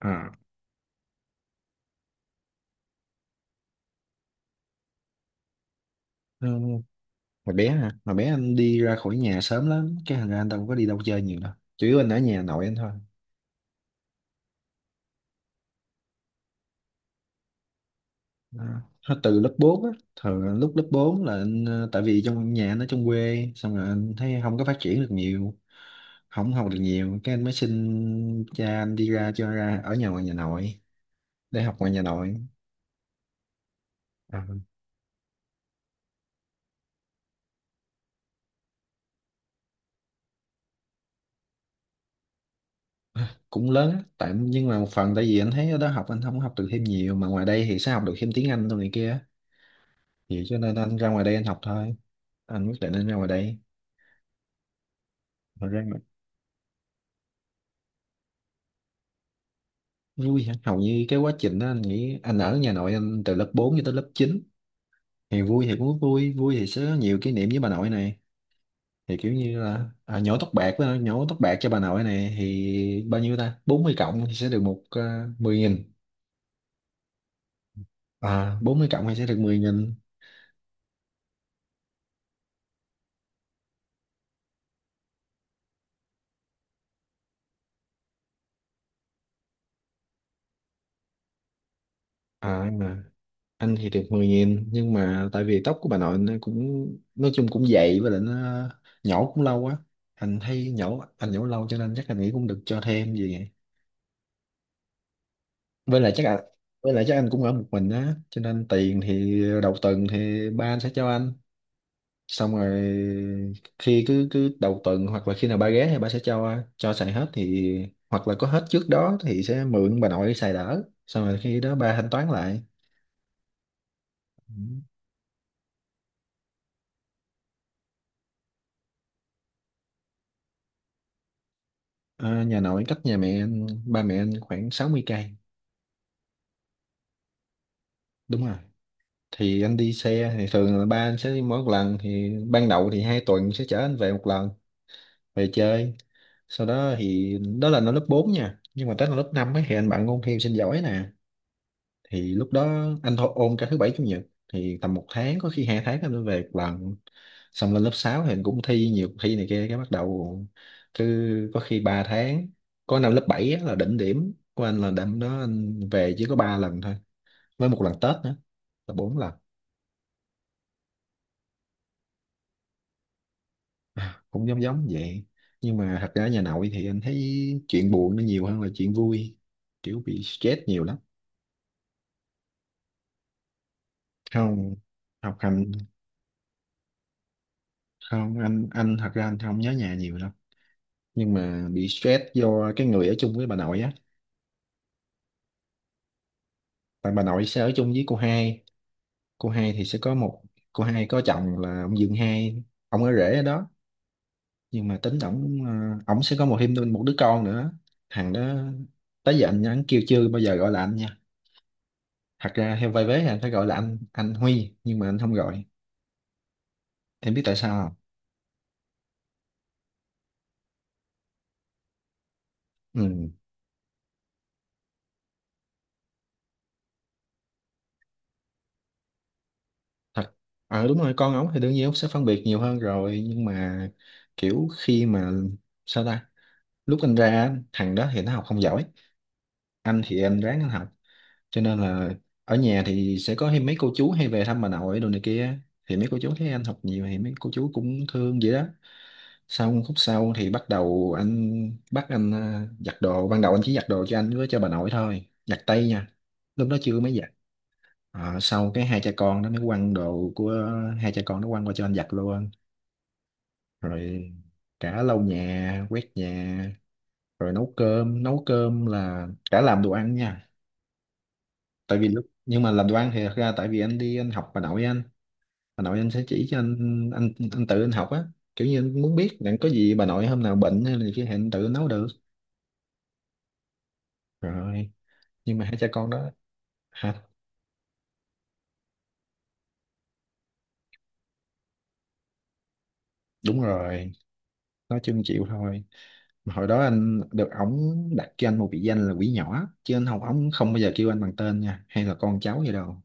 À, ừ. Hồi bé hả? Hồi bé anh đi ra khỏi nhà sớm lắm, cái thành ra anh không có đi đâu chơi nhiều đâu, chủ yếu anh ở nhà nội anh thôi. À. Từ lớp 4 á, thường lúc lớp 4 là tại vì trong nhà anh ở trong quê, xong rồi anh thấy không có phát triển được nhiều, không học được nhiều, cái anh mới xin cha anh đi ra, cho ra ở nhà ngoài nhà nội, để học ngoài nhà nội. À. Cũng lớn á, tại nhưng mà một phần tại vì anh thấy ở đó học anh không học được thêm nhiều, mà ngoài đây thì sẽ học được thêm tiếng Anh đâu này kia, vậy cho nên anh ra ngoài đây anh học thôi, anh quyết định anh ra ngoài đây mà ra ngoài... Vui hả? Hầu như cái quá trình đó anh nghĩ anh ở nhà nội anh từ lớp 4 cho tới lớp chín, thì vui thì cũng vui, vui thì sẽ có nhiều kỷ niệm với bà nội này, thì kiểu như là nhổ tóc bạc với nhổ tóc bạc cho bà nội này, thì bao nhiêu ta, 40 cộng thì sẽ được một 10 nghìn. À, 40 cộng thì sẽ được 10.000. À, anh thì được 10.000, nhưng mà tại vì tóc của bà nội nó cũng nói chung cũng dày, với lại nó nhổ cũng lâu quá, anh thấy nhổ anh nhổ lâu cho nên chắc anh nghĩ cũng được cho thêm gì vậy. với lại chắc à, với lại chắc anh cũng ở một mình á, cho nên tiền thì đầu tuần thì ba anh sẽ cho anh, xong rồi khi cứ cứ đầu tuần hoặc là khi nào ba ghé thì ba sẽ cho xài, hết thì hoặc là có hết trước đó thì sẽ mượn bà nội xài đỡ, xong rồi khi đó ba thanh toán lại. Ừ. Ờ, nhà nội cách nhà mẹ anh, ba mẹ anh khoảng 60 cây. Đúng rồi. Thì anh đi xe thì thường là ba anh sẽ đi, mỗi một lần thì ban đầu thì hai tuần sẽ chở anh về một lần, về chơi. Sau đó thì đó là nó lớp 4 nha. Nhưng mà tới là lớp 5 ấy, thì anh bạn ôn thi sinh giỏi nè. Thì lúc đó anh thôi ôn cả thứ bảy chủ nhật, thì tầm một tháng có khi hai tháng anh mới về một lần. Xong lên lớp 6 thì anh cũng thi nhiều cuộc thi này kia, cái bắt đầu cứ có khi 3 tháng. Có năm lớp 7 á là đỉnh điểm của anh, là đêm đó anh về chỉ có 3 lần thôi với một lần Tết nữa là bốn lần. Cũng giống giống vậy, nhưng mà thật ra nhà nội thì anh thấy chuyện buồn nó nhiều hơn là chuyện vui, kiểu bị stress nhiều lắm. Không. Học hành. Không, anh thật ra anh không nhớ nhà nhiều đâu, nhưng mà bị stress do cái người ở chung với bà nội á. Tại bà nội sẽ ở chung với cô hai, cô hai thì sẽ có một, cô hai có chồng là ông Dương hai, ông ở rể ở đó, nhưng mà tính ổng sẽ có một thêm một đứa con nữa. Thằng đó tới giờ anh, kêu chưa bao giờ gọi là anh nha, thật ra theo vai vế thì anh phải gọi là anh Huy, nhưng mà anh không gọi. Em biết tại sao không? Ừ. thật ờ đúng rồi, con ống thì đương nhiên ống sẽ phân biệt nhiều hơn rồi, nhưng mà kiểu khi mà sao ta, lúc anh ra á, thằng đó thì nó học không giỏi, anh thì em ráng anh học, cho nên là ở nhà thì sẽ có hay mấy cô chú hay về thăm bà nội đồ này kia, thì mấy cô chú thấy anh học nhiều thì mấy cô chú cũng thương vậy đó. Sau khúc sau thì bắt đầu anh bắt giặt đồ, ban đầu anh chỉ giặt đồ cho anh với cho bà nội thôi, giặt tay nha, lúc đó chưa mới giặt. Ờ, sau cái hai cha con nó mới quăng đồ của hai cha con nó, quăng qua cho anh giặt luôn, rồi cả lau nhà quét nhà, rồi nấu cơm, nấu cơm là cả làm đồ ăn nha. Tại vì lúc nhưng mà làm đoan thì thật ra tại vì anh đi anh học bà nội anh sẽ chỉ cho anh, anh tự anh học á, kiểu như anh muốn biết rằng có gì bà nội hôm nào bệnh hay là gì kia thì anh tự nấu được. Rồi, nhưng mà hai cha con đó... Hả? Đúng rồi, nói chung chịu thôi. Mà hồi đó anh được ổng đặt cho anh một biệt danh là quỷ nhỏ, chứ anh học ổng không bao giờ kêu anh bằng tên nha, hay là con cháu gì đâu,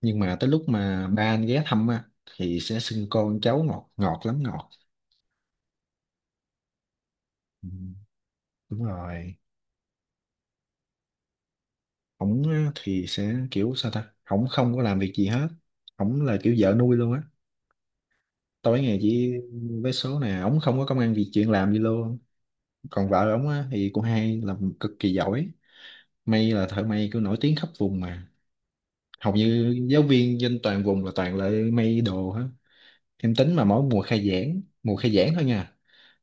nhưng mà tới lúc mà ba anh ghé thăm á thì sẽ xưng con cháu ngọt, ngọt lắm ngọt. Ừ, đúng rồi. Ổng á thì sẽ kiểu sao ta, ổng không có làm việc gì hết, ổng là kiểu vợ nuôi luôn á, tối ngày chỉ vé số nè, ổng không có công ăn việc chuyện làm gì luôn. Còn vợ ổng á thì cô hai làm cực kỳ giỏi, may là thợ may kiểu nổi tiếng khắp vùng mà, hầu như giáo viên trên toàn vùng là toàn là may đồ hết. Em tính mà mỗi mùa khai giảng, mùa khai giảng thôi nha,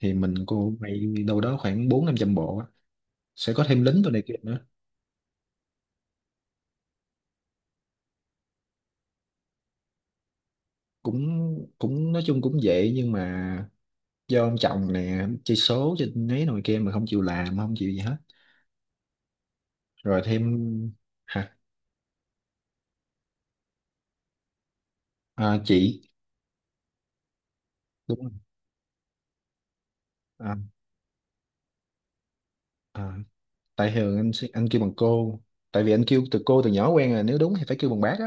thì mình cô may đâu đó khoảng bốn năm trăm bộ á, sẽ có thêm lính tụi này kia nữa. Cũng cũng nói chung cũng dễ, nhưng mà do ông chồng nè chơi số chơi nấy nồi kia mà không chịu làm không chịu gì hết. Rồi thêm... Hả? À, chị. Đúng rồi. À, à, tại thường anh kêu bằng cô, tại vì anh kêu từ cô từ nhỏ quen rồi, nếu đúng thì phải kêu bằng bác á.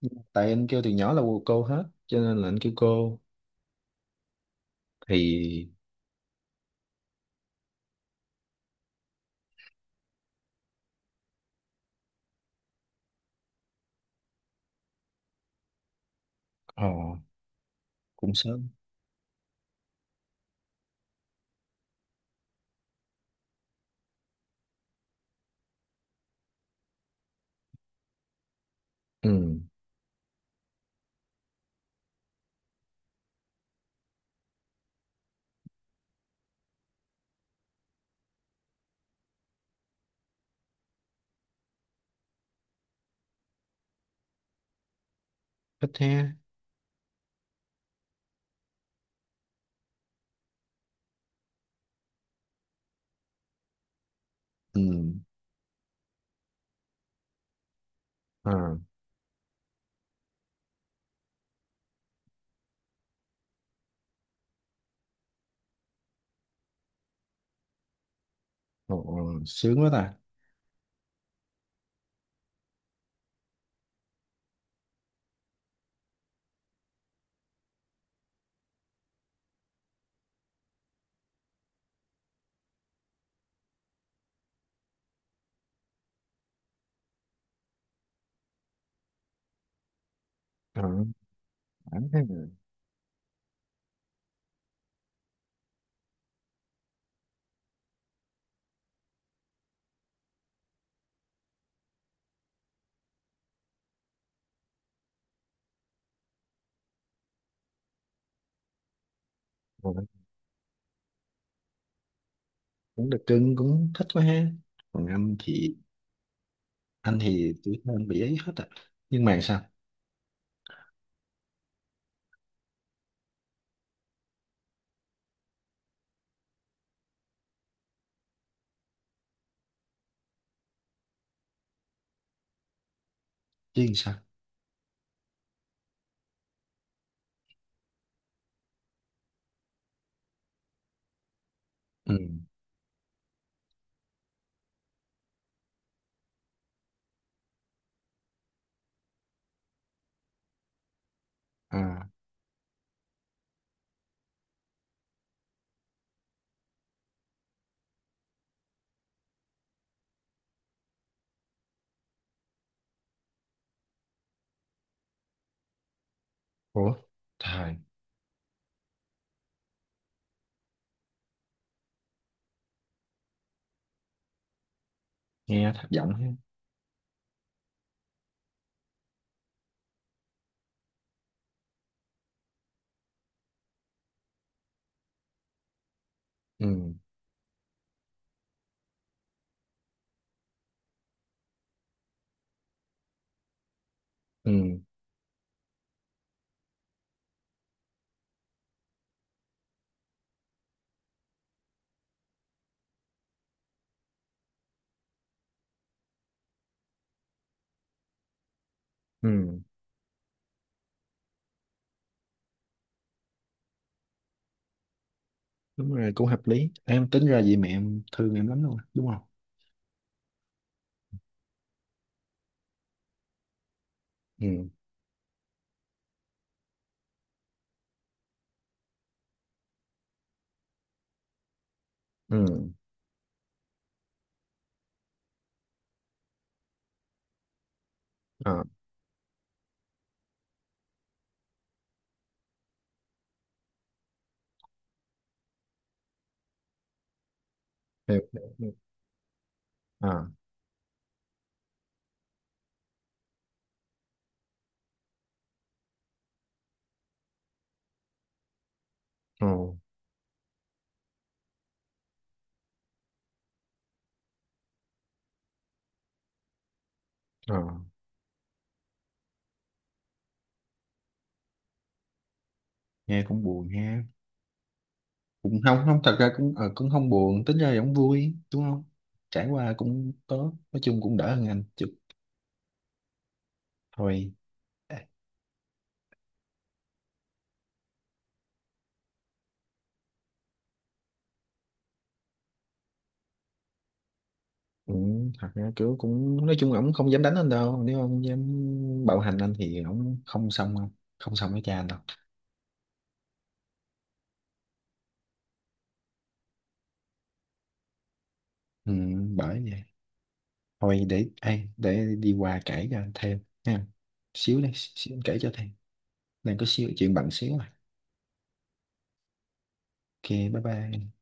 Nhưng mà tại anh kêu từ nhỏ là cô hết cho nên là anh kêu cô. Thì ờ cũng sớm. Ừ. Thích ha. Ừ. À. Ồ, ồ, sướng quá ta. Ờ. À, cũng được cưng, cũng thích quá ha. Còn anh thì... Anh thì tuổi thơ anh bị ấy hết à, nhưng mà sao... Chứ làm sao? Ừ. À. Ủa? Trời. Nghe thất vọng ha. Ừ, ừ, ừ, đúng rồi, cũng hợp lý, em tính ra vì mẹ em thương em lắm luôn á, đúng không? Ừ. Ừ. À, em... À, ồ. À, nghe cũng buồn ha. Cũng không, không, thật ra cũng không buồn, tính ra cũng vui đúng không? Trải qua cũng tốt, nói chung cũng đỡ hơn anh chút. Thôi. À. Ừ, thật ra kiểu cũng nói chung là ổng không dám đánh anh đâu, nếu ông dám bạo hành anh thì ổng không xong đâu. Không xong với cha anh đâu. Ừ, bởi vậy. Thôi để ai để đi qua kể cho anh thêm ha, xíu đây xíu anh kể cho thêm, đang có xíu chuyện bận xíu mà. OK bye bye.